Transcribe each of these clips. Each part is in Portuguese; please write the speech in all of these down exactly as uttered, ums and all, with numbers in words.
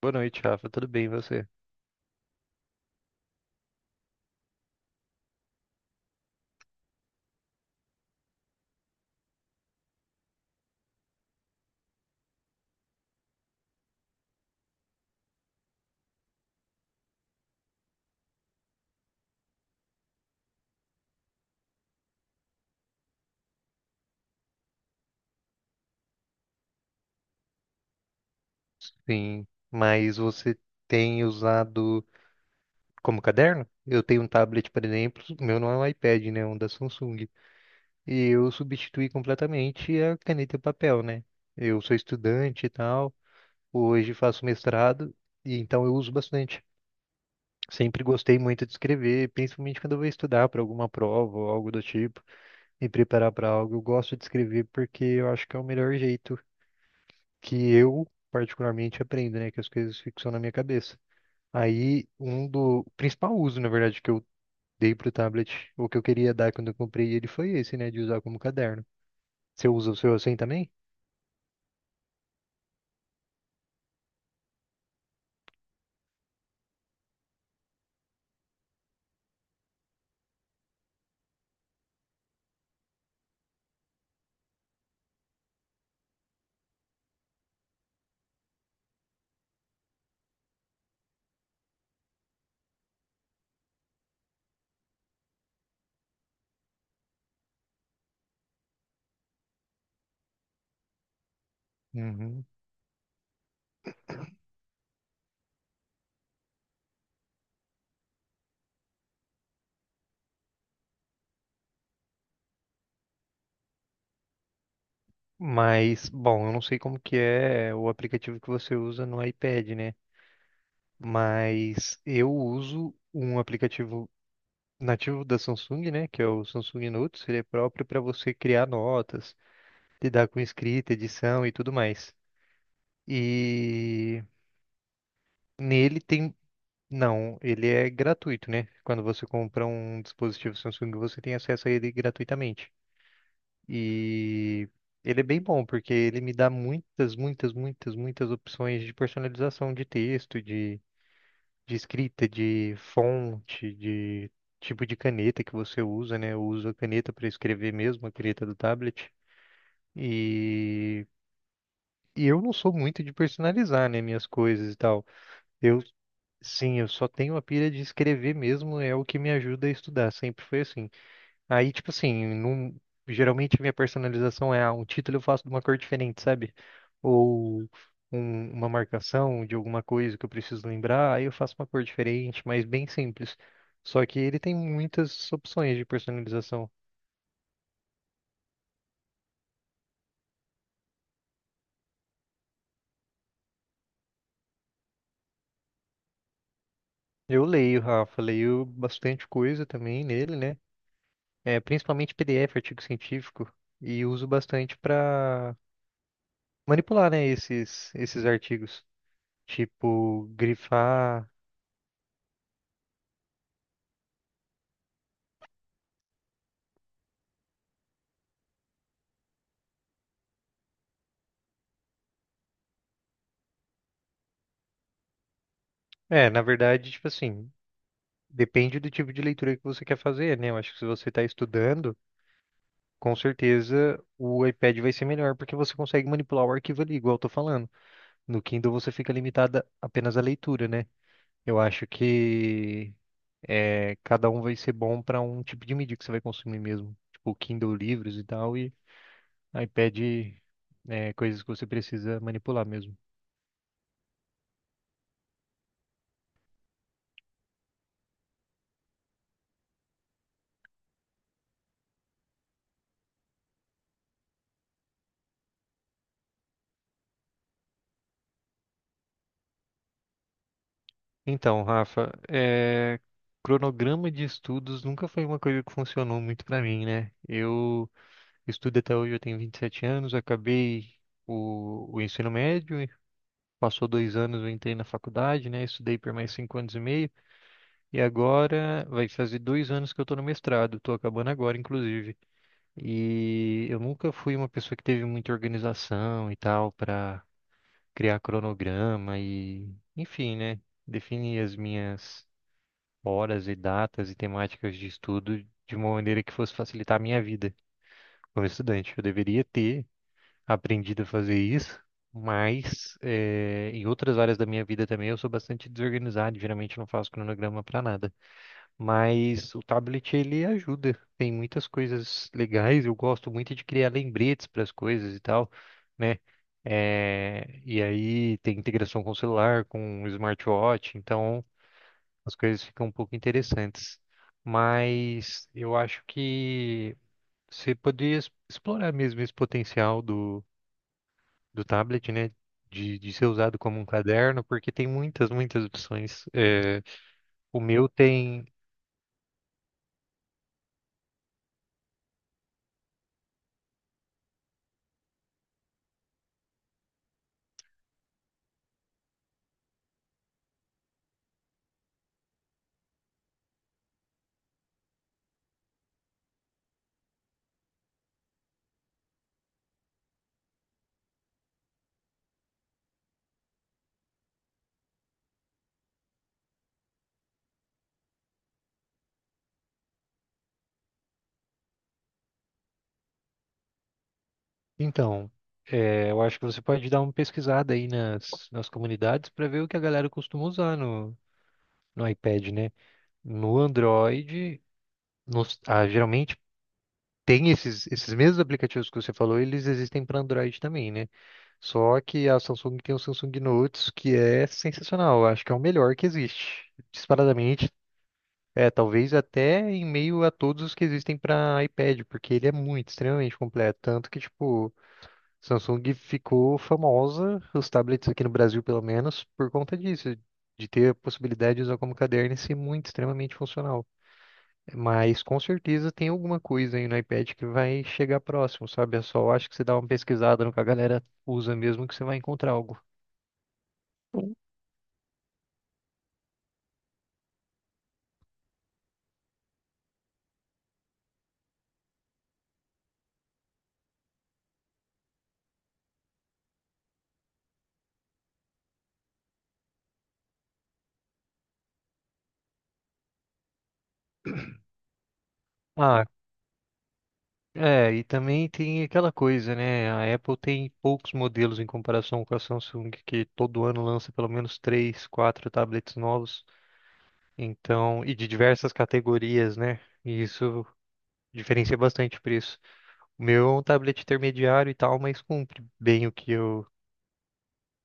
Boa noite, Rafa. Tudo bem, e você? Sim, mas você tem usado como caderno? Eu tenho um tablet, por exemplo, o meu não é um iPad, né? É um da Samsung. E eu substituí completamente a caneta e o papel, né? Eu sou estudante e tal, hoje faço mestrado, e então eu uso bastante. Sempre gostei muito de escrever, principalmente quando eu vou estudar para alguma prova ou algo do tipo, me preparar para algo. Eu gosto de escrever porque eu acho que é o melhor jeito que eu particularmente aprendo, né? Que as coisas ficam na minha cabeça. Aí, um do o principal uso, na verdade, que eu dei pro tablet, ou que eu queria dar quando eu comprei ele, foi esse, né? De usar como caderno. Você usa o seu assim também? Uhum. Mas, bom, eu não sei como que é o aplicativo que você usa no iPad, né? Mas eu uso um aplicativo nativo da Samsung, né? Que é o Samsung Notes. Ele é próprio para você criar notas, lidar com escrita, edição e tudo mais. E nele tem. Não, ele é gratuito, né? Quando você compra um dispositivo Samsung, você tem acesso a ele gratuitamente. E ele é bem bom, porque ele me dá muitas, muitas, muitas, muitas opções de personalização de texto, de, de escrita, de fonte, de tipo de caneta que você usa, né? Eu uso a caneta para escrever mesmo, a caneta do tablet. E, e eu não sou muito de personalizar, né, minhas coisas e tal. Eu Sim, eu só tenho a pira de escrever mesmo, é o que me ajuda a estudar, sempre foi assim. Aí, tipo assim, num- geralmente minha personalização é ah, um título eu faço de uma cor diferente, sabe? Ou um- uma marcação de alguma coisa que eu preciso lembrar, aí eu faço uma cor diferente, mas bem simples. Só que ele tem muitas opções de personalização. Eu leio, Rafa, leio bastante coisa também nele, né? É, principalmente P D F, artigo científico, e uso bastante para manipular, né, esses, esses artigos. Tipo, grifar. É, na verdade, tipo assim, depende do tipo de leitura que você quer fazer, né? Eu acho que se você está estudando, com certeza o iPad vai ser melhor, porque você consegue manipular o arquivo ali, igual eu tô falando. No Kindle você fica limitada apenas à leitura, né? Eu acho que é, cada um vai ser bom para um tipo de mídia que você vai consumir mesmo. Tipo, Kindle livros e tal, e iPad é, coisas que você precisa manipular mesmo. Então, Rafa, é, cronograma de estudos nunca foi uma coisa que funcionou muito pra mim, né? Eu estudo até hoje, eu tenho 27 anos, acabei o, o ensino médio, e passou dois anos, eu entrei na faculdade, né? Estudei por mais cinco anos e meio, e agora vai fazer dois anos que eu tô no mestrado, tô acabando agora, inclusive. E eu nunca fui uma pessoa que teve muita organização e tal pra criar cronograma e, enfim, né? Definir as minhas horas e datas e temáticas de estudo de uma maneira que fosse facilitar a minha vida como estudante. Eu deveria ter aprendido a fazer isso, mas eh, em outras áreas da minha vida também eu sou bastante desorganizado, geralmente não faço cronograma para nada. Mas o tablet ele ajuda, tem muitas coisas legais, eu gosto muito de criar lembretes para as coisas e tal, né? Eh, e aí tem integração com o celular, com o smartwatch, então as coisas ficam um pouco interessantes. Mas eu acho que você poderia es- explorar mesmo esse potencial do, do tablet, né? De, de ser usado como um caderno, porque tem muitas, muitas opções. É, o meu tem. Então, é, eu acho que você pode dar uma pesquisada aí nas, nas comunidades para ver o que a galera costuma usar no, no iPad, né? No Android, nos, ah, geralmente tem esses, esses mesmos aplicativos que você falou, eles existem para Android também, né? Só que a Samsung tem o Samsung Notes, que é sensacional. Eu acho que é o melhor que existe. Disparadamente, é, talvez até em meio a todos os que existem para iPad, porque ele é muito, extremamente completo. Tanto que, tipo, Samsung ficou famosa, os tablets aqui no Brasil, pelo menos, por conta disso. De ter a possibilidade de usar como caderno e ser muito, extremamente funcional. Mas com certeza tem alguma coisa aí no iPad que vai chegar próximo, sabe? Eu só acho que você dá uma pesquisada no que a galera usa mesmo, que você vai encontrar algo. Ah, é, e também tem aquela coisa, né? A Apple tem poucos modelos em comparação com a Samsung, que todo ano lança pelo menos três, quatro tablets novos, então, e de diversas categorias, né? E isso diferencia bastante o preço. O meu é um tablet intermediário e tal, mas cumpre bem o que eu,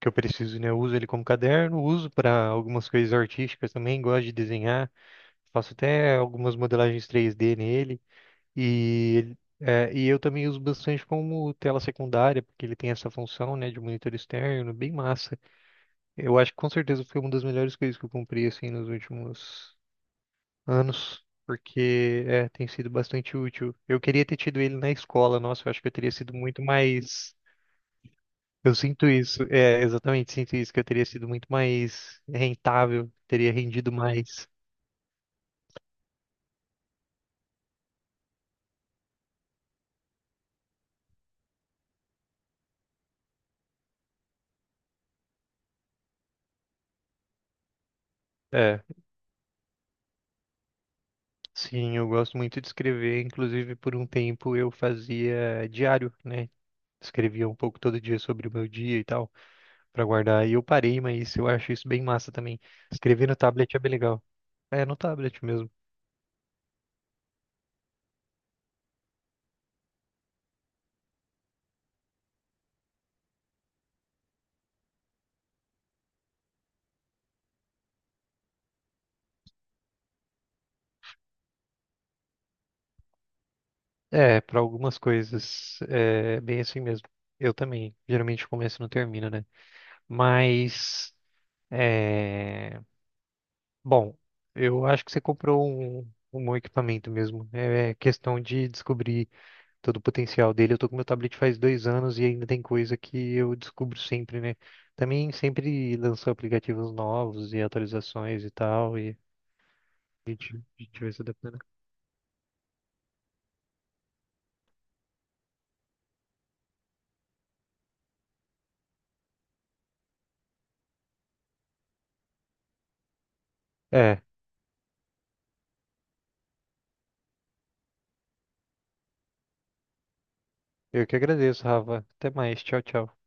que eu preciso, né? Eu uso ele como caderno, uso para algumas coisas artísticas também, gosto de desenhar, faço até algumas modelagens três D nele. E, ele- é, e eu também uso bastante como tela secundária, porque ele tem essa função, né, de monitor externo, bem massa. Eu acho que com certeza foi uma das melhores coisas que eu comprei, assim, nos últimos anos, porque é, tem sido bastante útil. Eu queria ter tido ele na escola, nossa, eu acho que eu teria sido muito mais. Eu sinto isso, é, exatamente, sinto isso, que eu teria sido muito mais rentável, teria rendido mais. É, sim, eu gosto muito de escrever. Inclusive, por um tempo eu fazia diário, né? Escrevia um pouco todo dia sobre o meu dia e tal, pra guardar. E eu parei, mas eu acho isso bem massa também. Escrever no tablet é bem legal. É, no tablet mesmo. É, pra algumas coisas, é bem assim mesmo. Eu também, geralmente começo e não termino, né? Mas, é... bom, eu acho que você comprou um, um bom equipamento mesmo. É questão de descobrir todo o potencial dele. Eu tô com meu tablet faz dois anos e ainda tem coisa que eu descubro sempre, né? Também sempre lançou aplicativos novos e atualizações e tal, e a gente, a gente vai se adaptando. É, eu que agradeço, Rafa. Até mais. Tchau, tchau.